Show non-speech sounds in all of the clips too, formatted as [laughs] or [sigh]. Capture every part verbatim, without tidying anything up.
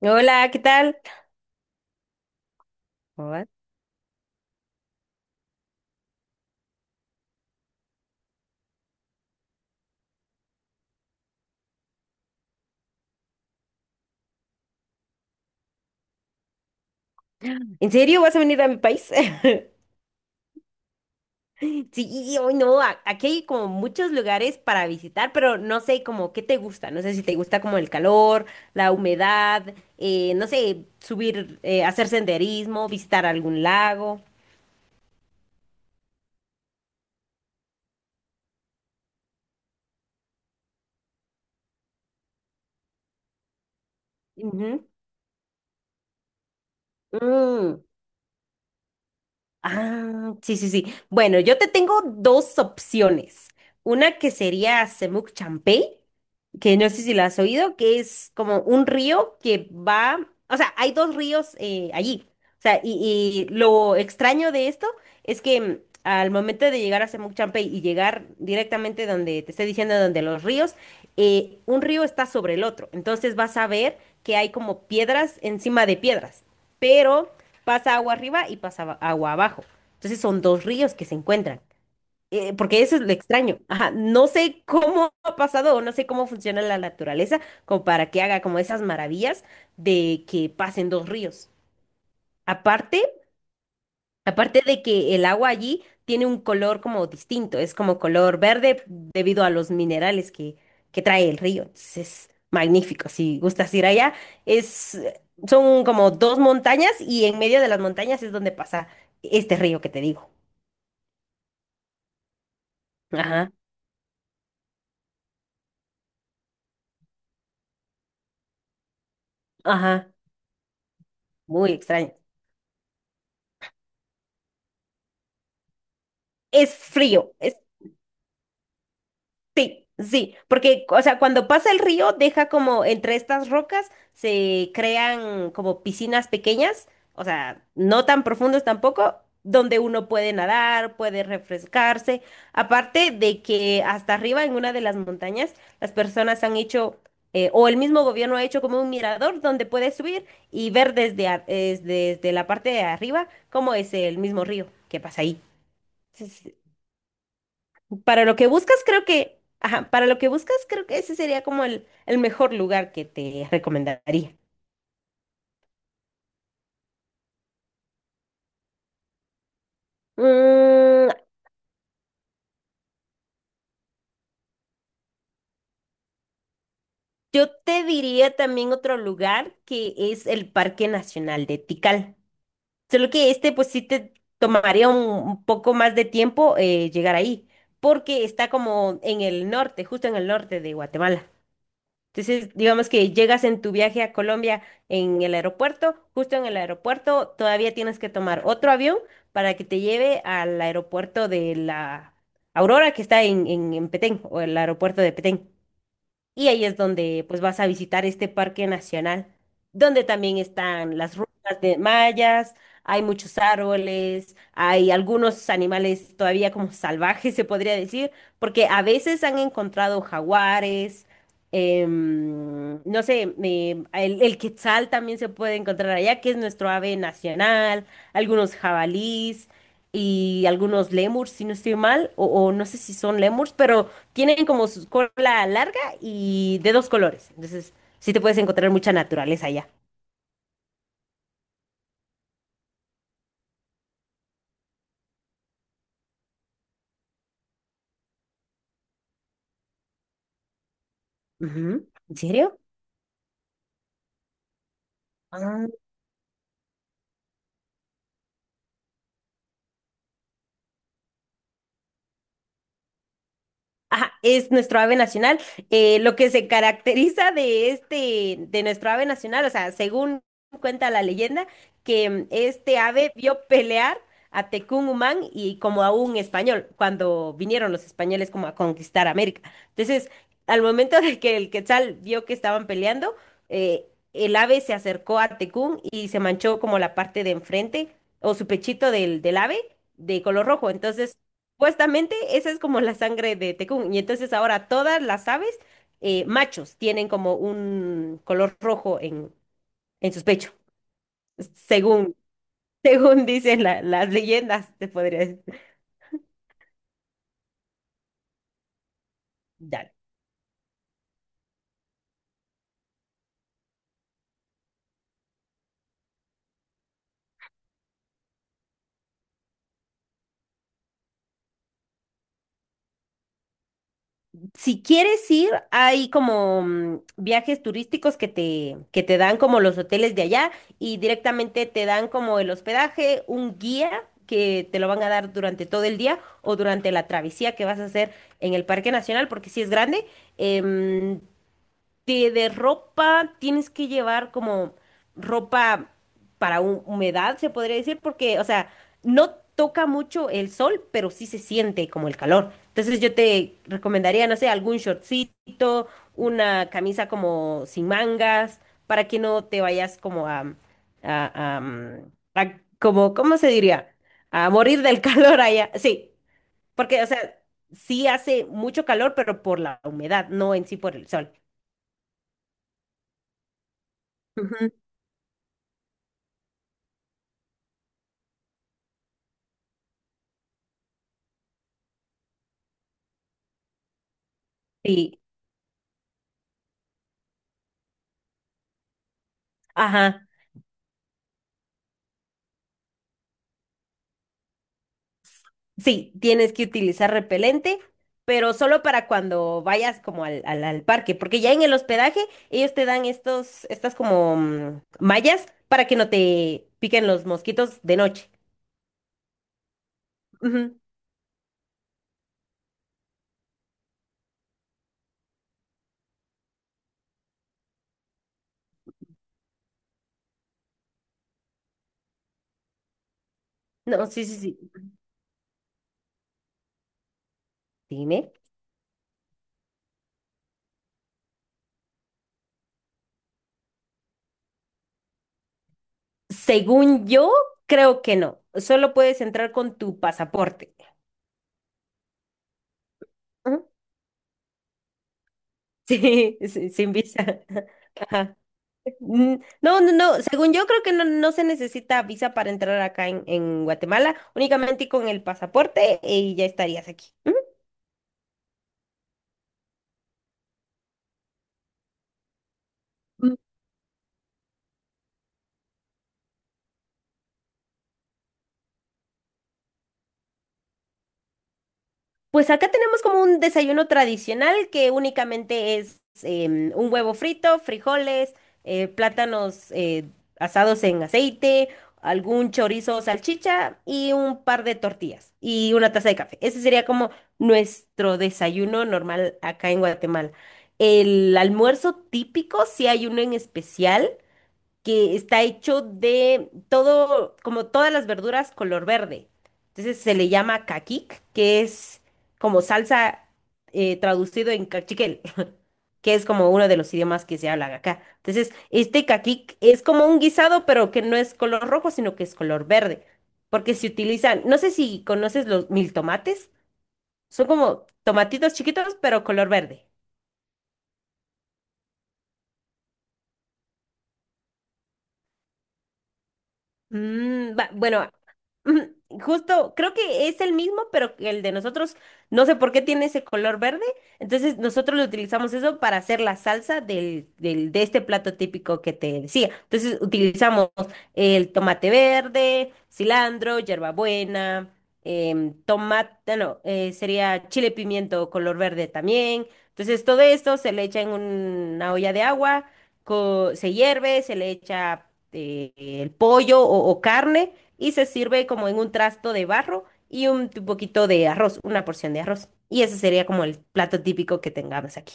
Hola, ¿qué tal? Hola. ¿En serio vas a venir a mi país? [laughs] Sí, hoy no, a- aquí hay como muchos lugares para visitar, pero no sé como qué te gusta, no sé si te gusta como el calor, la humedad, eh, no sé, subir, eh, hacer senderismo, visitar algún lago. Ujú. Mm, Ah, sí, sí, sí. Bueno, yo te tengo dos opciones. Una que sería Semuc Champey, que no sé si la has oído, que es como un río que va, o sea, hay dos ríos eh, allí. O sea, y, y lo extraño de esto es que mm, al momento de llegar a Semuc Champey y llegar directamente donde te estoy diciendo, donde los ríos, eh, un río está sobre el otro. Entonces vas a ver que hay como piedras encima de piedras, pero pasa agua arriba y pasa agua abajo. Entonces son dos ríos que se encuentran. Eh, porque eso es lo extraño. Ajá, no sé cómo [laughs] ha pasado o no sé cómo funciona la naturaleza como para que haga como esas maravillas de que pasen dos ríos. Aparte, aparte de que el agua allí tiene un color como distinto, es como color verde debido a los minerales que, que trae el río. Entonces es magnífico. Si gustas ir allá, es, eh, son como dos montañas y en medio de las montañas es donde pasa este río que te digo. Ajá, ajá, muy extraño. Es frío, es sí, sí, porque, o sea, cuando pasa el río, deja como entre estas rocas, se crean como piscinas pequeñas, o sea, no tan profundas tampoco, donde uno puede nadar, puede refrescarse. Aparte de que hasta arriba en una de las montañas, las personas han hecho, eh, o el mismo gobierno ha hecho como un mirador donde puedes subir y ver desde, a- es- desde la parte de arriba cómo es el mismo río que pasa ahí. Para lo que buscas, creo que, ajá, para lo que buscas, creo que ese sería como el, el mejor lugar que te recomendaría. Mm, yo te diría también otro lugar que es el Parque Nacional de Tikal. Solo que este, pues sí te tomaría un, un poco más de tiempo eh, llegar ahí, porque está como en el norte, justo en el norte de Guatemala. Entonces, digamos que llegas en tu viaje a Colombia en el aeropuerto, justo en el aeropuerto, todavía tienes que tomar otro avión para que te lleve al aeropuerto de la Aurora que está en, en, en Petén o el aeropuerto de Petén. Y ahí es donde pues vas a visitar este parque nacional, donde también están las ruinas de mayas, hay muchos árboles, hay algunos animales todavía como salvajes, se podría decir, porque a veces han encontrado jaguares, em, no sé, em, el, el quetzal también se puede encontrar allá, que es nuestro ave nacional, algunos jabalís y algunos lémurs, si no estoy mal, o, o no sé si son lémurs, pero tienen como su cola larga y de dos colores. Entonces, sí te puedes encontrar mucha naturaleza allá. Ujú. ¿En serio? Ah. Ajá, es nuestro ave nacional. Eh, lo que se caracteriza de este, de nuestro ave nacional, o sea, según cuenta la leyenda, que mm, este ave vio pelear a Humán y como a un español, cuando vinieron los españoles como a conquistar América. Entonces, al momento de que el Quetzal vio que estaban peleando, eh, el ave se acercó a Tecún y se manchó como la parte de enfrente o su pechito del, del ave de color rojo. Entonces, supuestamente esa es como la sangre de Tekún. Y entonces ahora todas las aves, eh, machos, tienen como un color rojo en, en sus pechos, según, [laughs] según dicen la- las leyendas, te podría decir. Dale. Si quieres ir, hay como mm, viajes turísticos que te, que te dan como los hoteles de allá y directamente te dan como el hospedaje, un guía que te lo van a dar durante todo el día o durante la travesía que vas a hacer en el Parque Nacional, porque si es grande. em, de, de ropa tienes que llevar como ropa para hu- humedad, se podría decir, porque, o sea, no toca mucho el sol, pero sí se siente como el calor. Entonces yo te recomendaría, no sé, algún shortcito, una camisa como sin mangas, para que no te vayas como a, a, a, mm, a como, ¿cómo se diría? A morir del [laughs] calor allá. Sí, porque, o sea, sí hace mucho calor, pero por la humedad, no en sí por el sol. Sí, ajá. Sí, tienes que utilizar repelente, pero solo para cuando vayas como al, al, al parque, porque ya en el hospedaje ellos te dan estos, estas como mm, mallas para que no te piquen los mosquitos de noche. Ujú. No, sí, sí, sí. Dime. Según yo, creo que no. Solo puedes entrar con tu pasaporte. Ujú. Sí, [laughs] sí, sin visa. [laughs] Ajá. Mm, no, no, no. Según yo creo que no, no se necesita visa para entrar acá en, en Guatemala, únicamente con el pasaporte eh, y ya estarías aquí. Ujú. Pues acá tenemos como un desayuno tradicional que únicamente es em, un huevo frito, frijoles, eh, plátanos eh, asados en aceite, algún chorizo o salchicha y un par de tortillas y una taza de café. Ese sería como nuestro desayuno normal acá en Guatemala. El almuerzo típico, si hay uno en especial, que está hecho de todo, como todas las verduras color verde. Entonces se le llama caquic, que es como salsa eh, traducido en cachiquel, [laughs] que es como uno de los idiomas que se habla acá. Entonces, este caquic es como un guisado, pero que no es color rojo, sino que es color verde. Porque se utilizan, no sé si conoces los mil tomates, son como tomatitos chiquitos, pero color verde. Mm, va- bueno, [laughs] mm, justo creo que es el mismo, pero que el de nosotros, no sé por qué tiene ese color verde. Entonces nosotros lo utilizamos eso para hacer la salsa del, del- de este plato típico que te decía. Entonces utilizamos el tomate verde, cilantro, hierbabuena, em, tomate, no, eh, sería chile pimiento color verde también. Entonces todo esto se le echa en una olla de agua, co- se hierve, se le echa eh, el pollo o, o carne y se sirve como en un trasto de barro y un t- poquito de arroz, una porción de arroz. Y ese sería como el plato típico que tengamos aquí.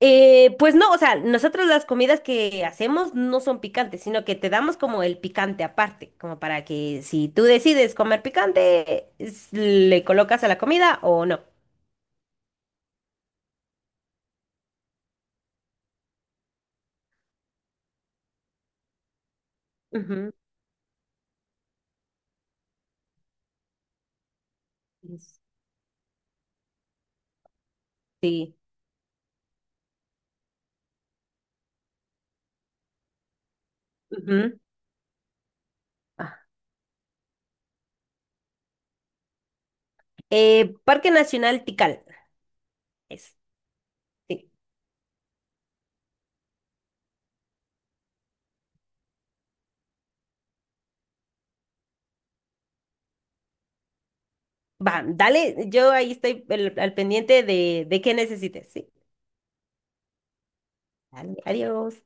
Eh, pues no, o sea, nosotros las comidas que hacemos no son picantes, sino que te damos como el picante aparte, como para que si tú decides comer picante, es- le colocas a la comida o no. Ujú. Sí. Ujú. Ah. Eh, Parque Nacional Tikal. Es. Sí. Va, dale, yo ahí estoy al, al pendiente de, de qué necesites, ¿sí? Dale, adiós.